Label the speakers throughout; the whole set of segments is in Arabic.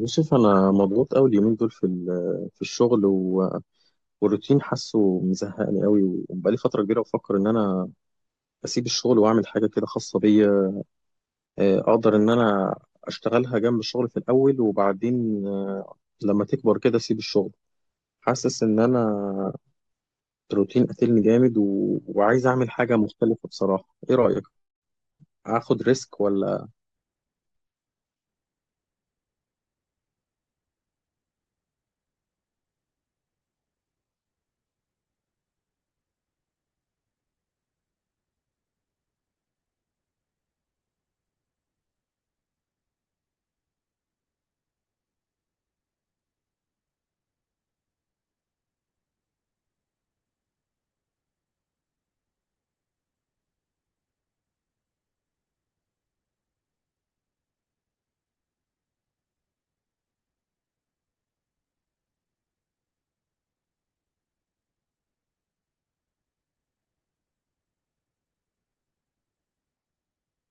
Speaker 1: يوسف، انا مضغوط قوي اليومين دول في الشغل والروتين حاسه مزهقني قوي. وبقالي فتره كبيره بفكر ان انا اسيب الشغل واعمل حاجه كده خاصه بيا. اقدر ان انا اشتغلها جنب الشغل في الاول، وبعدين لما تكبر كده اسيب الشغل. حاسس ان انا الروتين قاتلني جامد وعايز اعمل حاجه مختلفه. بصراحه ايه رايك؟ اخد ريسك ولا؟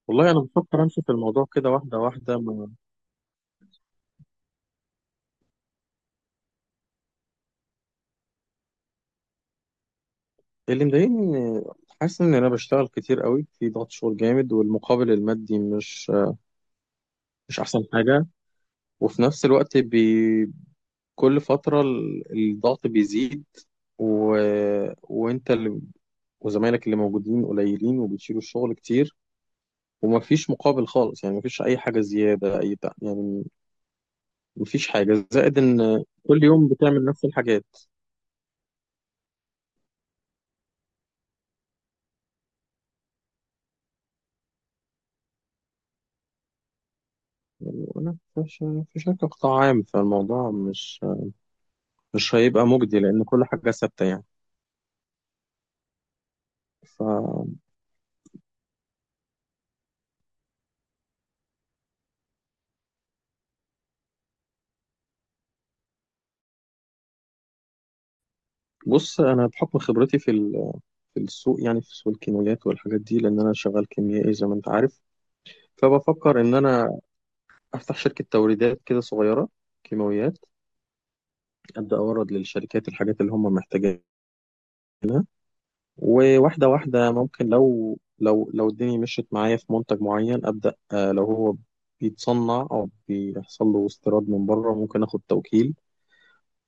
Speaker 1: والله انا بفكر امشي في الموضوع كده واحده واحده. اللي مضايقني إن- حاسس ان انا بشتغل كتير قوي في ضغط شغل جامد، والمقابل المادي مش احسن حاجه. وفي نفس الوقت كل فتره الضغط بيزيد. و... وانت اللي... وزمايلك اللي موجودين قليلين وبتشيلوا الشغل كتير، ومفيش مقابل خالص يعني. مفيش اي حاجه زياده اي بتاع يعني. مفيش حاجه زائد، ان كل يوم بتعمل نفس الحاجات. يعني انا في شركه قطاع عام، فالموضوع مش هيبقى مجدي لان كل حاجه ثابته يعني. ف بص، انا بحكم خبرتي في السوق، يعني في سوق الكيماويات والحاجات دي، لان انا شغال كيميائي زي ما انت عارف. فبفكر ان انا افتح شركه توريدات كده صغيره، كيماويات. ابدا اورد للشركات الحاجات اللي هم محتاجينها، وواحده واحده. ممكن لو الدنيا مشيت معايا في منتج معين، ابدا لو هو بيتصنع او بيحصل له استيراد من بره، ممكن اخد توكيل.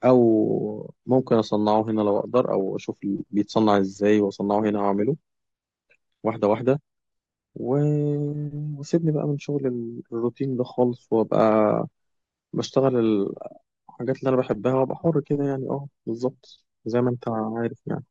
Speaker 1: او ممكن اصنعه هنا لو اقدر، او اشوف بيتصنع ازاي واصنعه هنا واعمله. واحده واحده. و... وسيبني بقى من شغل الروتين ده خالص، وابقى بشتغل الحاجات اللي انا بحبها، وابقى حر كده يعني. اه بالظبط زي ما انت عارف يعني.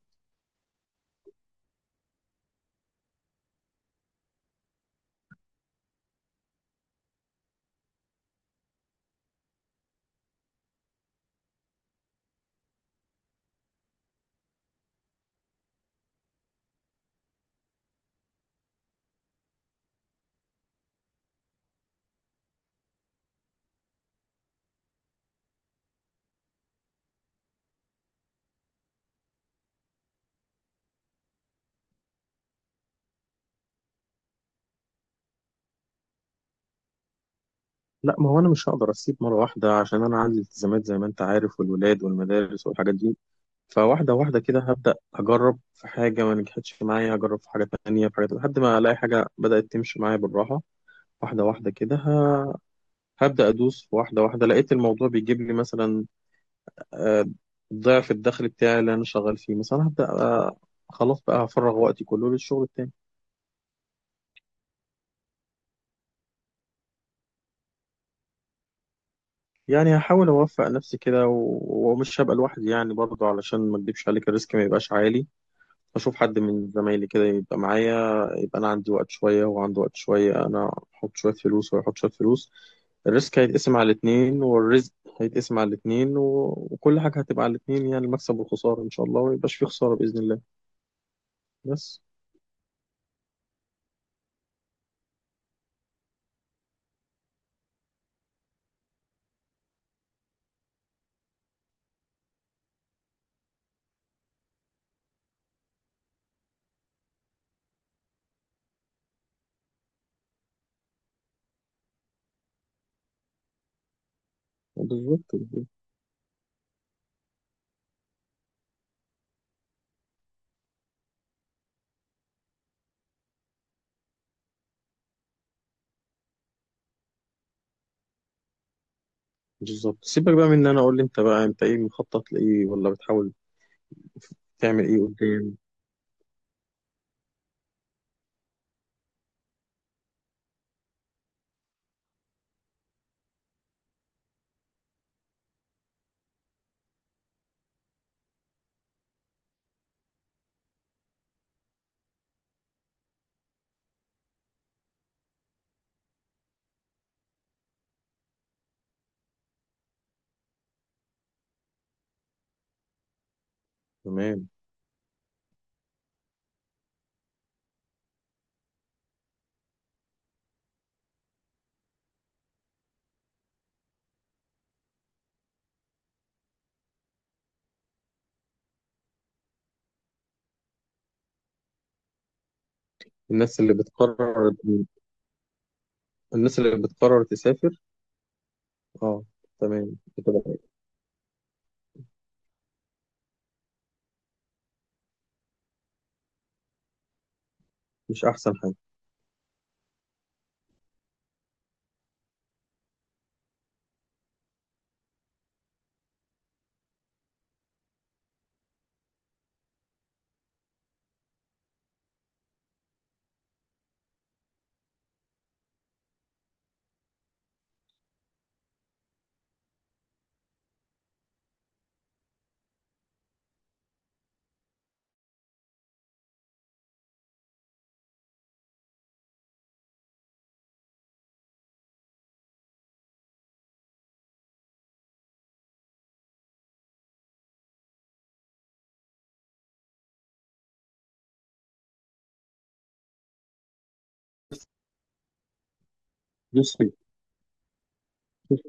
Speaker 1: لا، ما هو انا مش هقدر اسيب مره واحده عشان انا عندي التزامات زي ما انت عارف، والولاد والمدارس والحاجات دي. فواحده واحده كده هبدا اجرب. في حاجه ما نجحتش معايا، اجرب في حاجه تانية، في حاجه، لحد ما الاقي حاجه بدات تمشي معايا بالراحه. واحده واحده كده هبدا ادوس. واحده واحده، لقيت الموضوع بيجيب لي مثلا آه، ضعف الدخل بتاعي اللي انا شغال فيه، مثلا هبدا خلاص بقى هفرغ وقتي كله للشغل التاني. يعني هحاول اوفق نفسي كده ومش هبقى لوحدي يعني برضه، علشان ما اكدبش عليك الريسك ما يبقاش عالي. اشوف حد من زمايلي كده يبقى معايا. يبقى انا عندي وقت شويه، وهو عنده وقت شويه، انا احط شويه فلوس وهو يحط شويه فلوس. الريسك هيتقسم على الاتنين، والرزق هيتقسم على الاتنين. وكل حاجه هتبقى على الاتنين يعني، المكسب والخساره ان شاء الله، وميبقاش في خساره باذن الله. بس. بالظبط بالظبط. سيبك بقى من ان انا، اقول لي انت بقى، انت ايه مخطط لايه، ولا بتحاول تعمل ايه قدام؟ تمام. الناس اللي بتقرر الناس اللي بتقرر تسافر. اه، تمام. بتبقى مش احسن حاجه. بصي. بصي،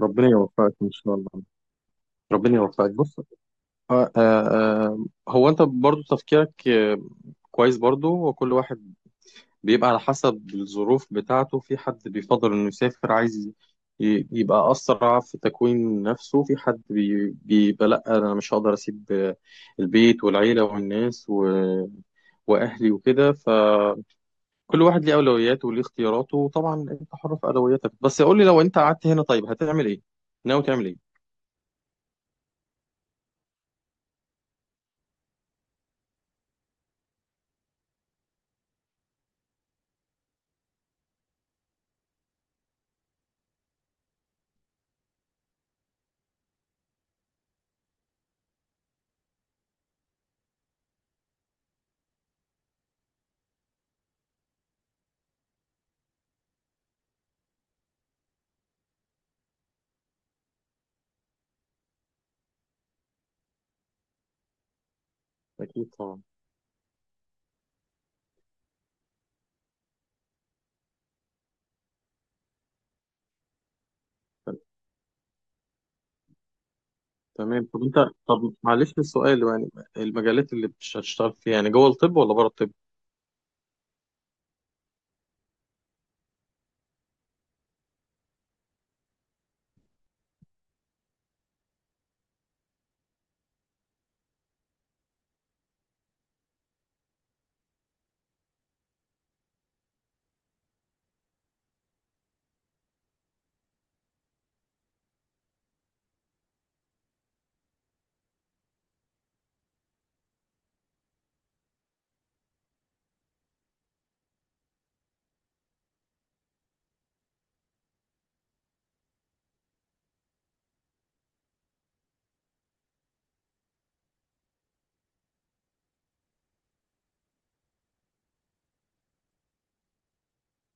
Speaker 1: ربنا يوفقك ان شاء الله. ربنا يوفقك. بص، هو انت برضو تفكيرك كويس برضو. وكل واحد بيبقى على حسب الظروف بتاعته. في حد بيفضل إنه يسافر، عايز يبقى أسرع في تكوين نفسه. في حد بيبقى لأ، أنا مش هقدر أسيب البيت والعيلة والناس وأهلي وكده. فكل واحد ليه أولوياته وليه اختياراته، وطبعا أنت حر في أولوياتك. بس قول لي، لو أنت قعدت هنا طيب هتعمل إيه؟ ناوي تعمل إيه؟ أكيد طبعا. تمام طب أنت. معلش السؤال يعني، المجالات اللي مش هتشتغل فيها، يعني جوه الطب ولا بره الطب؟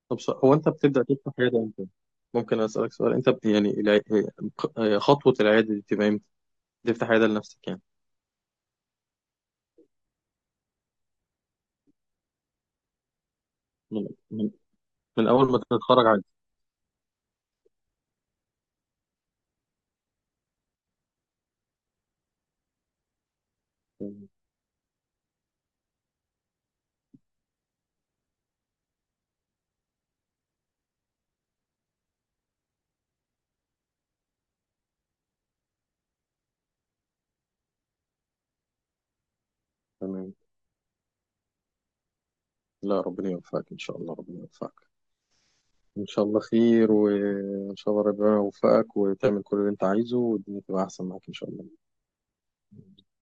Speaker 1: طب هو انت بتبدأ تفتح عيادة امتى؟ ممكن اسألك سؤال؟ يعني خطوة العيادة دي بتبقى امتى؟ تفتح عيادة لنفسك يعني. من... من... من اول ما تتخرج عادي. تمام. لا، ربنا يوفقك ان شاء الله. ربنا يوفقك. ان شاء الله خير، وان شاء الله ربنا يوفقك وتعمل كل اللي انت عايزه، والدنيا تبقى احسن معاك ان شاء الله.